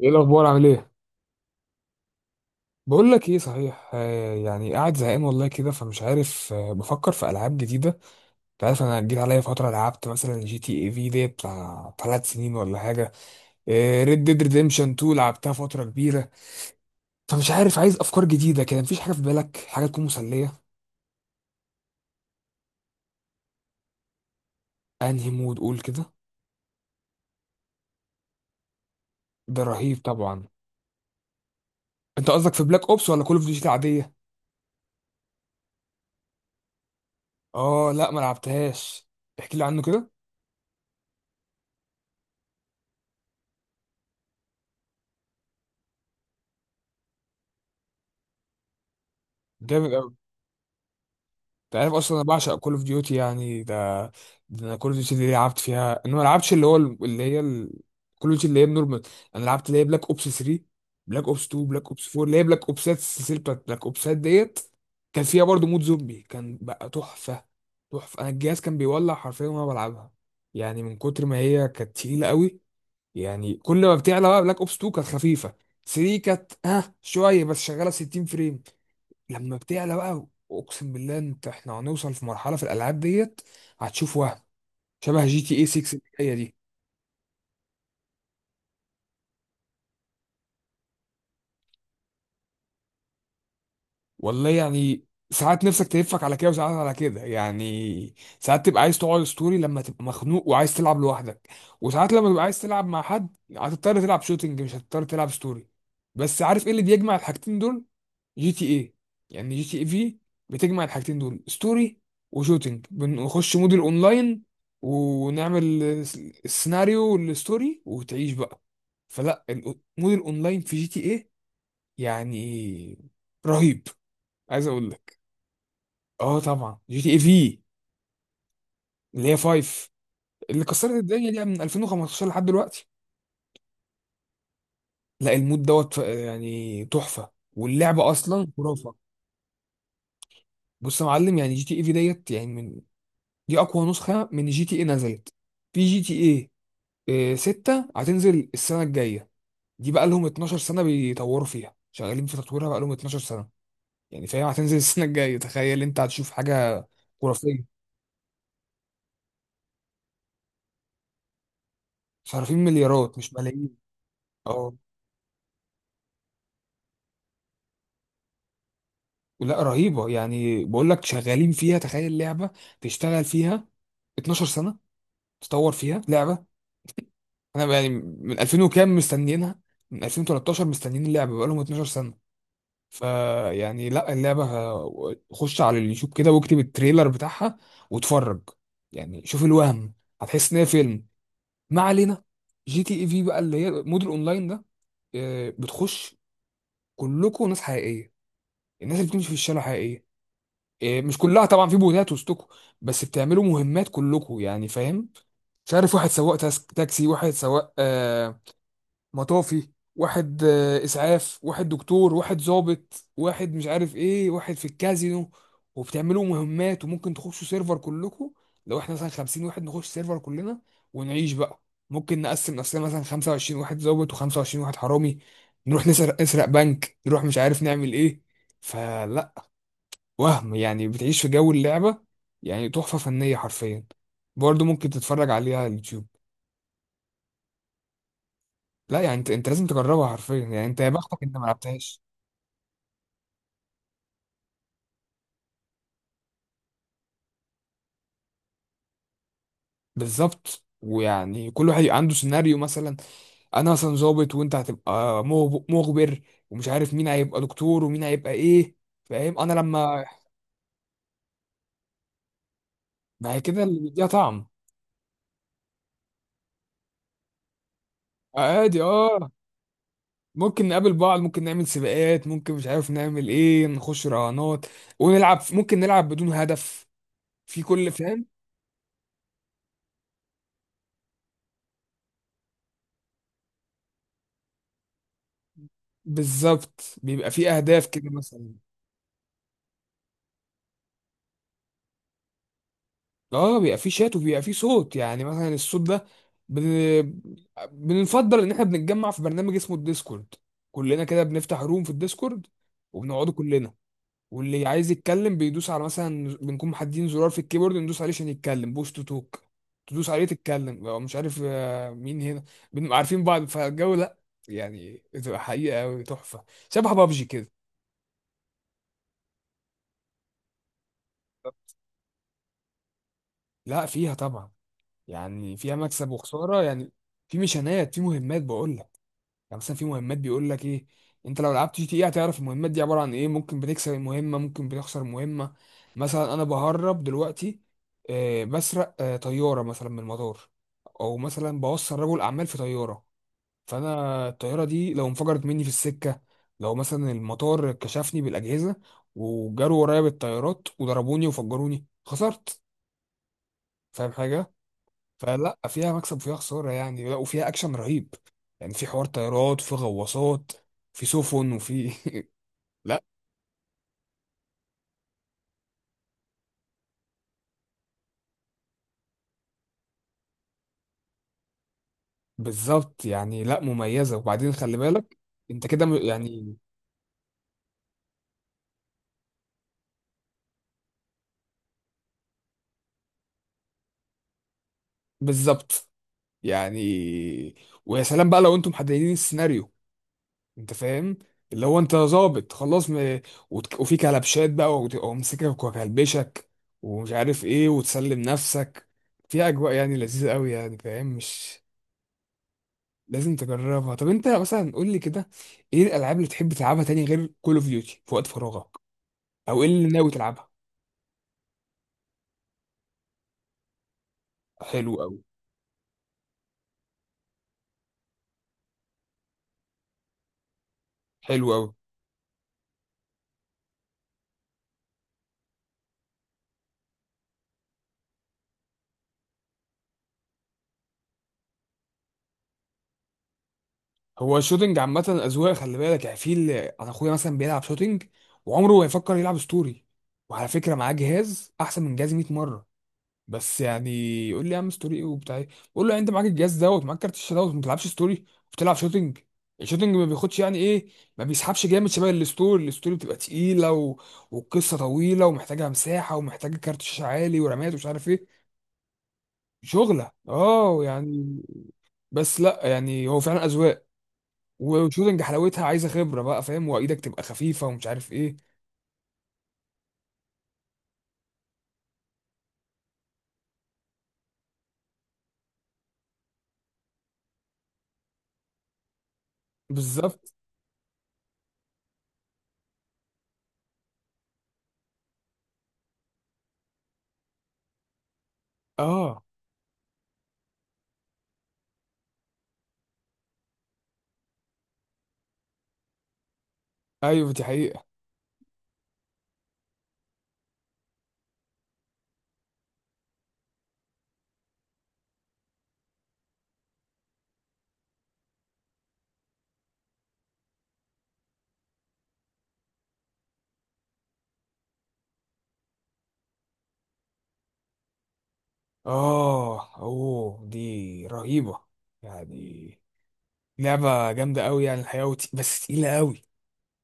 ايه الاخبار؟ عامل ايه؟ بقول لك ايه صحيح. يعني قاعد زهقان والله كده، فمش عارف، بفكر في العاب جديده. انت عارف انا جيت عليا فتره لعبت مثلا جي تي اي في دي بتاع 3 سنين ولا حاجه. ريد ديد ريديمشن 2 لعبتها فتره كبيره. فمش عارف، عايز افكار جديده كده، مفيش حاجه في بالك حاجه تكون مسليه؟ انهي مود؟ قول كده. ده رهيب طبعا. انت قصدك في بلاك اوبس ولا كول اوف ديوتي عاديه؟ اه لا ما لعبتهاش. احكي لي عنه كده. جامد. انت عارف اصلا انا بعشق كول اوف ديوتي يعني ده. ده انا كول اوف ديوتي دي لعبت فيها، انا ما لعبتش اللي هو اللي هي كول اوف ديوتي اللي هي نورمال. انا لعبت اللي هي بلاك اوبس 3، بلاك اوبس 2، بلاك اوبس 4، اللي هي بلاك اوبسات، السلسله بتاعت بلاك اوبسات ديت. كان فيها برضه مود زومبي كان بقى تحفه. تحفه. انا الجهاز كان بيولع حرفيا وانا بلعبها، يعني من كتر ما هي كانت تقيله قوي. يعني كل ما بتعلى بقى، بلاك اوبس 2 كانت خفيفه، 3 كانت ها شويه بس شغاله 60 فريم. لما بتعلى بقى، اقسم بالله، انت احنا هنوصل في مرحله في الالعاب ديت هتشوف وهم، شبه جي تي اي 6 اللي هي دي. والله يعني ساعات نفسك تلفك على كده وساعات على كده، يعني ساعات تبقى عايز تقعد ستوري لما تبقى مخنوق وعايز تلعب لوحدك، وساعات لما تبقى عايز تلعب مع حد هتضطر تلعب شوتينج، مش هتضطر تلعب ستوري. بس عارف ايه اللي بيجمع الحاجتين دول؟ جي تي ايه. يعني جي تي ايه في بتجمع الحاجتين دول، ستوري وشوتينج. بنخش مود الاونلاين ونعمل السيناريو والستوري وتعيش بقى. فلا، مود الاونلاين في جي تي ايه يعني رهيب. عايز اقول لك، اه طبعا جي تي ايه في اللي هي 5، اللي كسرت الدنيا دي من 2015 لحد دلوقتي. لا المود دوت يعني تحفة، واللعبة اصلا خرافة. بص يا معلم، يعني جي تي ايه في ديت يعني من، دي اقوى نسخه من جي تي اي نزلت. في جي تي اي 6 هتنزل السنه الجايه. دي بقى لهم 12 سنه بيطوروا فيها، شغالين في تطويرها بقى لهم 12 سنه. يعني فهي هتنزل السنه الجايه. تخيل انت هتشوف حاجه خرافيه. صارفين مليارات مش ملايين. اه لا رهيبه، يعني بقول لك شغالين فيها، تخيل لعبه تشتغل فيها 12 سنه، تطور فيها لعبه. انا يعني من 2000 وكام مستنيينها، من 2013 مستنيين اللعبه، بقى لهم 12 سنه. فيعني لا اللعبة، خش على اليوتيوب كده واكتب التريلر بتاعها واتفرج، يعني شوف الوهم، هتحس ان هي فيلم. ما علينا. جي تي اي في بقى اللي هي مود الاونلاين ده، بتخش كلكم ناس حقيقية. الناس اللي بتمشي في الشارع حقيقية، مش كلها طبعا، في بوتات وسطكم، بس بتعملوا مهمات كلكم يعني، فاهم؟ مش عارف، واحد سواق تاكسي، واحد سواق آه، مطافي، واحد اسعاف، واحد دكتور، واحد ضابط، واحد مش عارف ايه، واحد في الكازينو، وبتعملوا مهمات. وممكن تخشوا سيرفر كلكم، لو احنا مثلا 50 واحد نخش سيرفر كلنا ونعيش بقى. ممكن نقسم نفسنا مثلا 25 واحد ضابط و25 واحد حرامي، نروح نسرق، نسرق بنك، نروح مش عارف نعمل ايه. فلا، وهم، يعني بتعيش في جو اللعبة يعني تحفة فنية حرفيا. برضه ممكن تتفرج عليها على اليوتيوب. لا يعني انت لازم تجربها حرفيا. يعني انت يا بختك انت ما لعبتهاش. بالظبط، ويعني كل واحد يبقى عنده سيناريو مثلا. انا مثلا ظابط، وانت هتبقى مخبر، ومش عارف مين هيبقى دكتور ومين هيبقى ايه. فاهم انا لما، ما هي كده اللي ليها طعم. عادي اه، ممكن نقابل بعض، ممكن نعمل سباقات، ممكن مش عارف نعمل ايه، نخش رهانات ونلعب، ممكن نلعب بدون هدف، في كل، فاهم؟ بالظبط، بيبقى في اهداف كده مثلا. اه بيبقى فيه شات وبيبقى فيه صوت. يعني مثلا الصوت ده، بن... بنفضل ان احنا بنتجمع في برنامج اسمه الديسكورد. كلنا كده بنفتح روم في الديسكورد، وبنقعدوا كلنا، واللي عايز يتكلم بيدوس على، مثلا بنكون محددين زرار في الكيبورد ندوس عليه عشان يتكلم، بوش تو توك. تدوس عليه تتكلم، لو مش عارف مين هنا، بنبقى عارفين بعض فالجو. لا يعني بتبقى حقيقة أوي، تحفة. شبه بابجي كده. لا فيها طبعا. يعني فيها مكسب وخسارة يعني. في ميشنات، في مهمات بقول لك. يعني مثلا في مهمات بيقول لك ايه، انت لو لعبت جي تي ايه هتعرف المهمات دي عباره عن ايه. ممكن بتكسب المهمه، ممكن بتخسر مهمه. مثلا انا بهرب دلوقتي، بسرق طياره مثلا من المطار. او مثلا بوصل رجل اعمال في طياره. فانا الطياره دي لو انفجرت مني في السكه، لو مثلا المطار كشفني بالاجهزه وجروا ورايا بالطيارات وضربوني وفجروني، خسرت. فاهم حاجه؟ فلا فيها مكسب وفيها خسارة يعني. لا وفيها أكشن رهيب. يعني في حوار طيارات، في غواصات، في سفن، وفي لا بالظبط، يعني لا مميزة. وبعدين خلي بالك، أنت كده يعني. بالظبط يعني، ويا سلام بقى لو أنتم محددين السيناريو، أنت فاهم؟ اللي هو أنت ظابط خلاص، وفي كلبشات بقى، ومسكك وكلبشك، ومش عارف إيه وتسلم نفسك. فيها أجواء يعني لذيذة أوي، يعني فاهم مش؟ لازم تجربها. طب انت مثلا قول لي كده، ايه الالعاب اللي تحب تلعبها تاني غير كول اوف ديوتي في وقت فراغك؟ او ايه اللي ناوي تلعبها؟ حلو قوي، حلو قوي. هو الشوتينج عامه اذواق، خلي بالك. يعني في اللي، انا اخويا مثلا بيلعب شوتينج وعمره ما يفكر يلعب ستوري. وعلى فكره معاه جهاز احسن من جهازي 100 مره، بس يعني يقول لي يا عم ستوري ايه وبتاع ايه. بقول له يعني انت معاك الجهاز دوت، معاك كارت الشاشه دوت، ما بتلعبش ستوري وبتلعب شوتنج. الشوتنج ما بياخدش يعني ايه، ما بيسحبش جامد شبه الستوري. الستوري بتبقى تقيله والقصه طويله ومحتاجه مساحه ومحتاجه كارت شاشه عالي ورامات ومش عارف ايه، شغله اه يعني. بس لا يعني هو فعلا اذواق. والشوتنج حلاوتها عايزه خبره بقى، فاهم؟ وايدك تبقى خفيفه ومش عارف ايه. بالظبط. اه ايوه دي حقيقه. اه اوه دي رهيبة، يعني لعبة جامدة قوي يعني الحقيقة بس تقيلة قوي.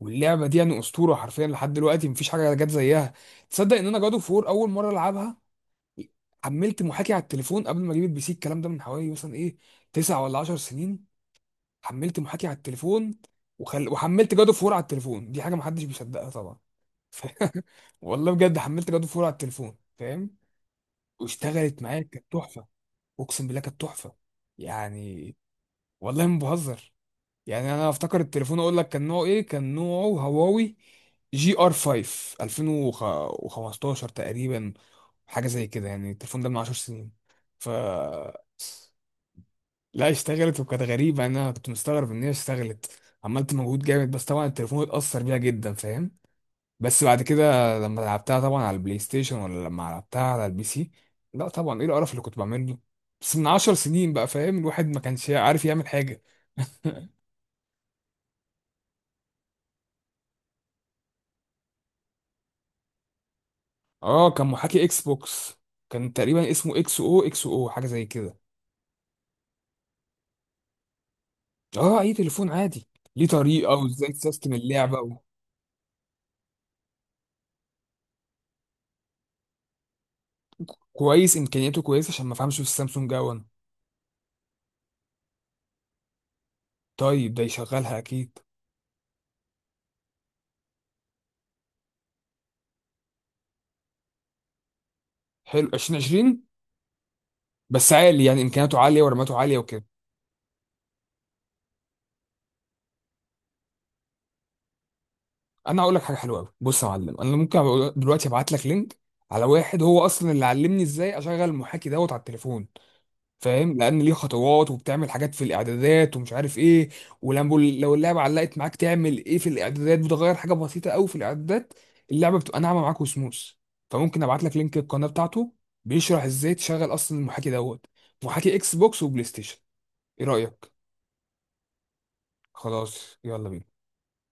واللعبة دي يعني أسطورة حرفيا لحد دلوقتي، مفيش حاجة جت زيها. تصدق إن أنا جادو فور أول مرة ألعبها حملت محاكي على التليفون قبل ما أجيب البي سي؟ الكلام ده من حوالي مثلا إيه، 9 ولا 10 سنين. حملت محاكي على التليفون، وحملت جادو فور على التليفون. دي حاجة محدش بيصدقها طبعا. ف... والله بجد حملت جادو فور على التليفون، فاهم؟ واشتغلت معايا، كانت تحفة. اقسم بالله كانت تحفه يعني. والله ما بهزر، يعني انا افتكر التليفون اقول لك كان نوعه ايه، كان نوعه هواوي جي ار 5 2015 تقريبا، حاجه زي كده. يعني التليفون ده من 10 سنين. ف لا اشتغلت وكانت غريبه، انا كنت مستغرب ان هي اشتغلت، عملت مجهود جامد، بس طبعا التليفون اتاثر بيها جدا، فاهم؟ بس بعد كده لما لعبتها طبعا على البلاي ستيشن، ولا لما لعبتها على البي سي، لا طبعا، ايه القرف اللي كنت بعمله. بس من 10 سنين بقى، فاهم؟ الواحد ما كانش عارف يعمل حاجة. اه كان محاكي اكس بوكس. كان تقريبا اسمه اكس او اكس او حاجة زي كده. اه اي تليفون عادي، ليه طريقة وازاي تسيستم اللعبة و... كويس، امكانياته كويسة عشان ما فهمش في السامسونج اون. طيب ده يشغلها اكيد. حلو 2020. بس عالي يعني، امكانياته عالية ورماته عالية وكده. انا هقول لك حاجه حلوه قوي. بص يا معلم، انا ممكن أبقى دلوقتي ابعت لك لينك على واحد هو اصلا اللي علمني ازاي اشغل المحاكي دوت على التليفون. فاهم، لان ليه خطوات وبتعمل حاجات في الاعدادات ومش عارف ايه. ولما لو اللعبه علقت معاك تعمل ايه في الاعدادات، بتغير حاجه بسيطه قوي في الاعدادات، اللعبه بتبقى ناعمه معاك وسموث. فممكن ابعت لك لينك القناه بتاعته، بيشرح ازاي تشغل اصلا المحاكي دوت، محاكي اكس بوكس وبلاي ستيشن. ايه رايك؟ خلاص يلا بينا.